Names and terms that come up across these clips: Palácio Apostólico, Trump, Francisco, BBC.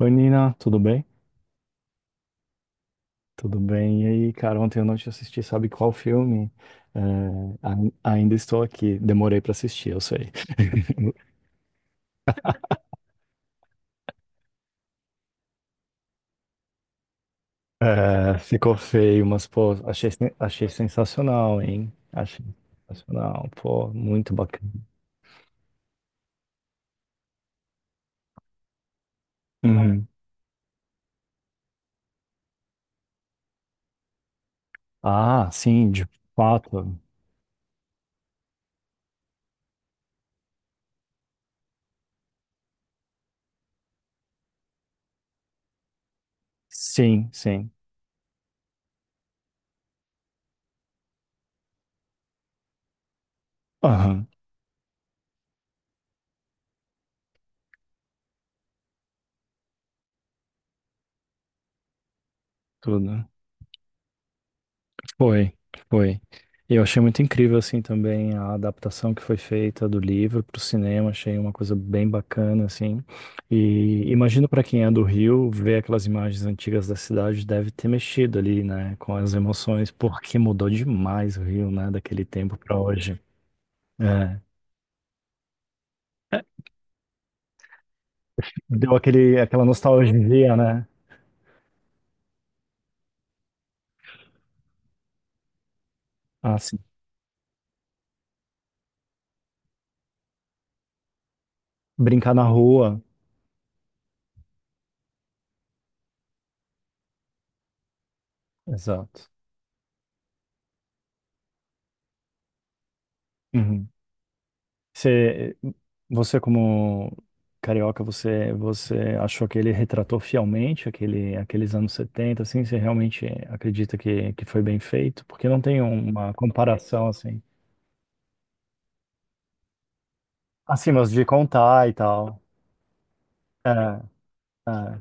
Oi, Nina, tudo bem? Tudo bem. E aí, cara, ontem à noite eu assisti, sabe qual filme? É, ainda estou aqui. Demorei pra assistir, eu sei. É, ficou feio, mas, pô, achei, achei sensacional, hein? Achei sensacional, pô, muito bacana. Uhum. Ah, sim, de fato. Sim, sim. Aham, tudo. Foi, foi. Eu achei muito incrível, assim, também a adaptação que foi feita do livro para o cinema. Achei uma coisa bem bacana, assim. E imagino para quem é do Rio, ver aquelas imagens antigas da cidade deve ter mexido ali, né, com as emoções, porque mudou demais o Rio, né, daquele tempo para hoje. É. Deu aquela nostalgia, né? Ah, sim. Brincar na rua. Exato. Uhum. Você, você como carioca, você, você achou que ele retratou fielmente aqueles anos 70? Assim? Você realmente acredita que foi bem feito? Porque não tem uma comparação, assim. Assim, mas de contar e tal. É, é.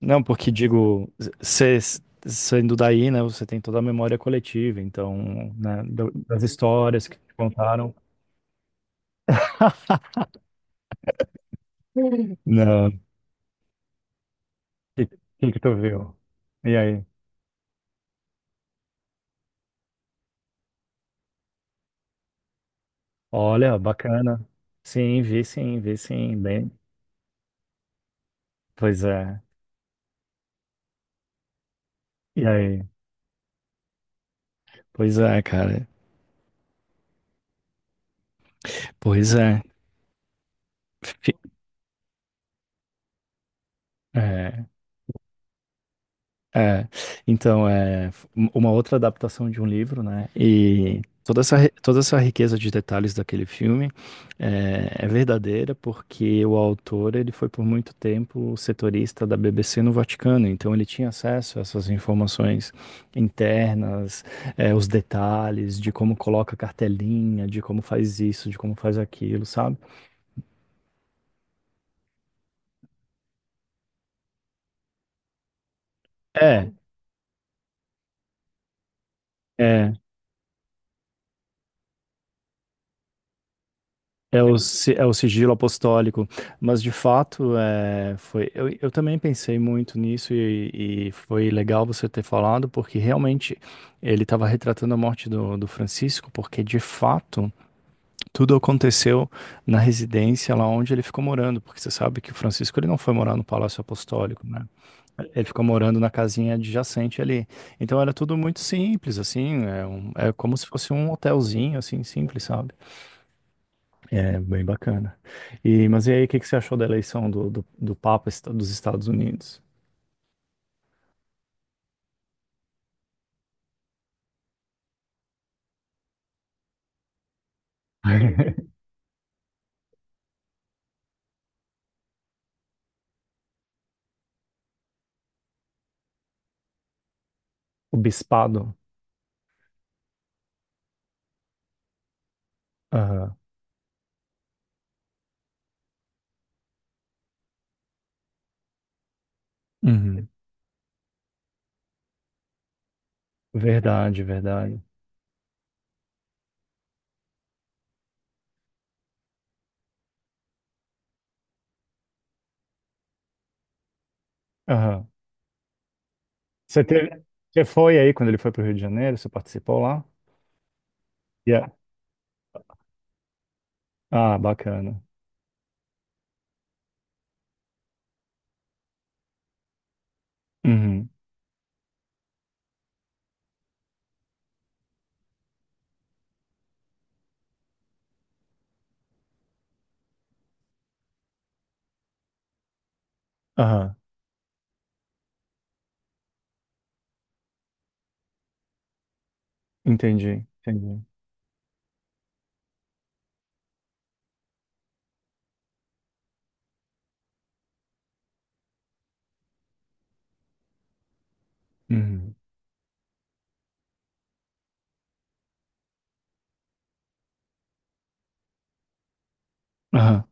Não, porque digo, cê, sendo daí, né, você tem toda a memória coletiva, então, né, das histórias que te contaram. Não. Que, que tu viu? E aí? Olha, bacana. Sim, vi sim, vi sim, bem. Pois é. E aí? Pois é, cara. Pois é. Fi- é. É, então, uma outra adaptação de um livro, né? E toda essa, toda essa riqueza de detalhes daquele filme é verdadeira porque o autor, ele foi por muito tempo setorista da BBC no Vaticano, então ele tinha acesso a essas informações internas, é, os detalhes de como coloca a cartelinha, de como faz isso, de como faz aquilo, sabe? É, é. É o, é o sigilo apostólico, mas de fato foi. Eu também pensei muito nisso e foi legal você ter falado, porque realmente ele estava retratando a morte do, do Francisco, porque de fato tudo aconteceu na residência lá onde ele ficou morando, porque você sabe que o Francisco ele não foi morar no Palácio Apostólico, né? Ele ficou morando na casinha adjacente ali. Então era tudo muito simples, assim, é, é como se fosse um hotelzinho, assim, simples, sabe? É, bem bacana. E, mas e aí, o que que você achou da eleição do, do, do Papa dos Estados Unidos? O bispado? Aham. Uhum. Verdade, verdade. Aham. Você teve, você foi aí quando ele foi para o Rio de Janeiro? Você participou lá? Yeah. Ah, bacana. Uhum. Aham. Entendi, entendi. Uhum. Aham.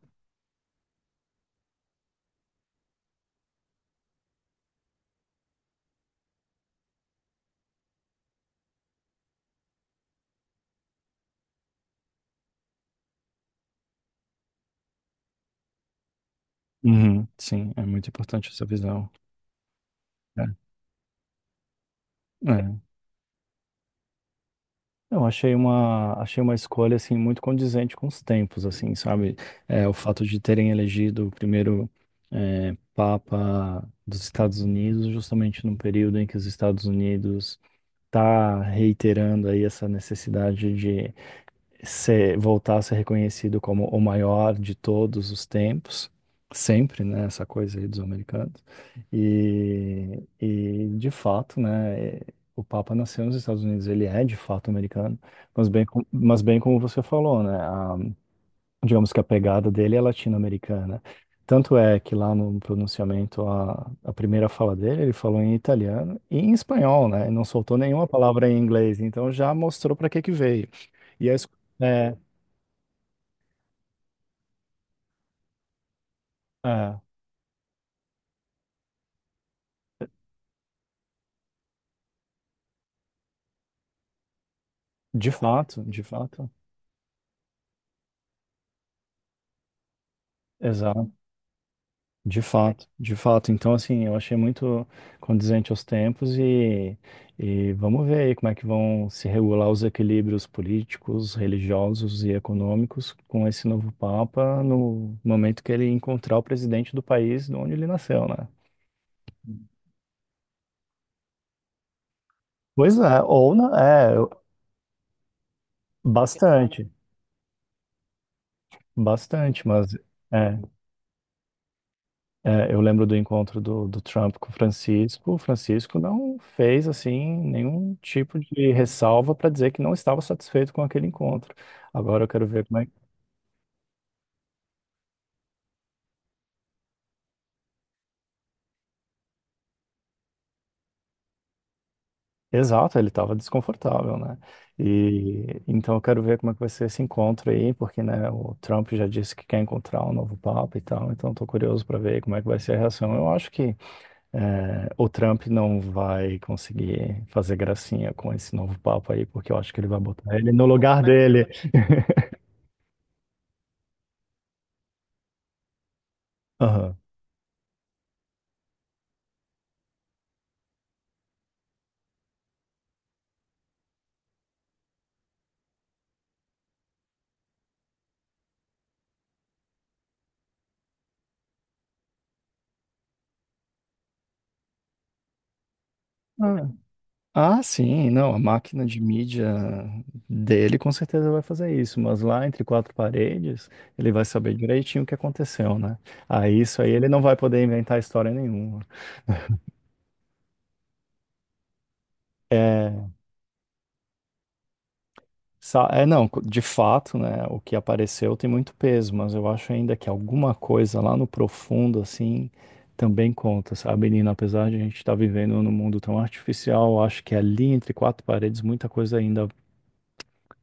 Uhum. Sim, é muito importante essa visão. É. É. Eu achei uma escolha assim muito condizente com os tempos, assim, sabe? É, o fato de terem elegido o primeiro é, Papa dos Estados Unidos, justamente num período em que os Estados Unidos está reiterando aí essa necessidade de ser, voltar a ser reconhecido como o maior de todos os tempos, sempre, né, essa coisa aí dos americanos. E de fato, né, é, o Papa nasceu nos Estados Unidos, ele é de fato americano, mas bem, mas bem como você falou, né, a- digamos que a pegada dele é latino-americana. Tanto é que lá no pronunciamento, a primeira fala dele, ele falou em italiano e em espanhol, né? E não soltou nenhuma palavra em inglês, então já mostrou para que que veio. E a, é, de fato, exato, de fato, de fato. Então, assim, eu achei muito condizente aos tempos e vamos ver aí como é que vão se regular os equilíbrios políticos, religiosos e econômicos com esse novo Papa no momento que ele encontrar o presidente do país de onde ele nasceu, né? Pois é, ou não, é, bastante, bastante, mas é, é, eu lembro do encontro do, do Trump com o Francisco. O Francisco não fez assim nenhum tipo de ressalva para dizer que não estava satisfeito com aquele encontro. Agora eu quero ver como é. Exato, ele estava desconfortável, né? E então eu quero ver como é que vai ser esse encontro aí, porque né, o Trump já disse que quer encontrar um novo papa e tal. Então estou curioso para ver como é que vai ser a reação. Eu acho que é, o Trump não vai conseguir fazer gracinha com esse novo papa aí, porque eu acho que ele vai botar ele no lugar dele. Aham. Ah, ah, sim, não, a máquina de mídia dele com certeza vai fazer isso, mas lá entre quatro paredes, ele vai saber direitinho o que aconteceu, né? Aí isso aí ele não vai poder inventar história nenhuma. É, é não, de fato, né, o que apareceu tem muito peso, mas eu acho ainda que alguma coisa lá no profundo, assim, também conta, sabe, Nina? Apesar de a gente estar vivendo num mundo tão artificial, eu acho que ali entre quatro paredes muita coisa ainda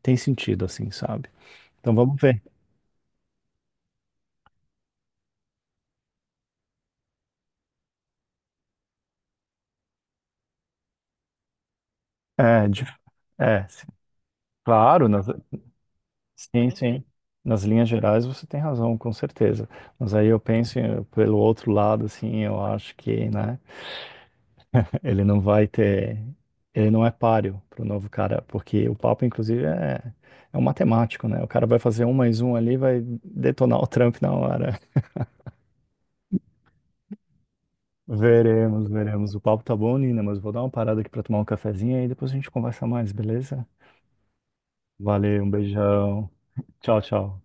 tem sentido, assim, sabe? Então vamos ver. É, é, sim, claro, sim, sim. Nas linhas gerais você tem razão, com certeza. Mas aí eu penso pelo outro lado, assim, eu acho que, né, ele não vai ter, ele não é páreo para o novo cara, porque o papo, inclusive, é, é um matemático, né? O cara vai fazer um mais um ali, vai detonar o Trump na hora. Veremos, veremos. O papo tá bom, Nina, mas eu vou dar uma parada aqui para tomar um cafezinho e depois a gente conversa mais, beleza? Valeu, um beijão. Tchau, tchau.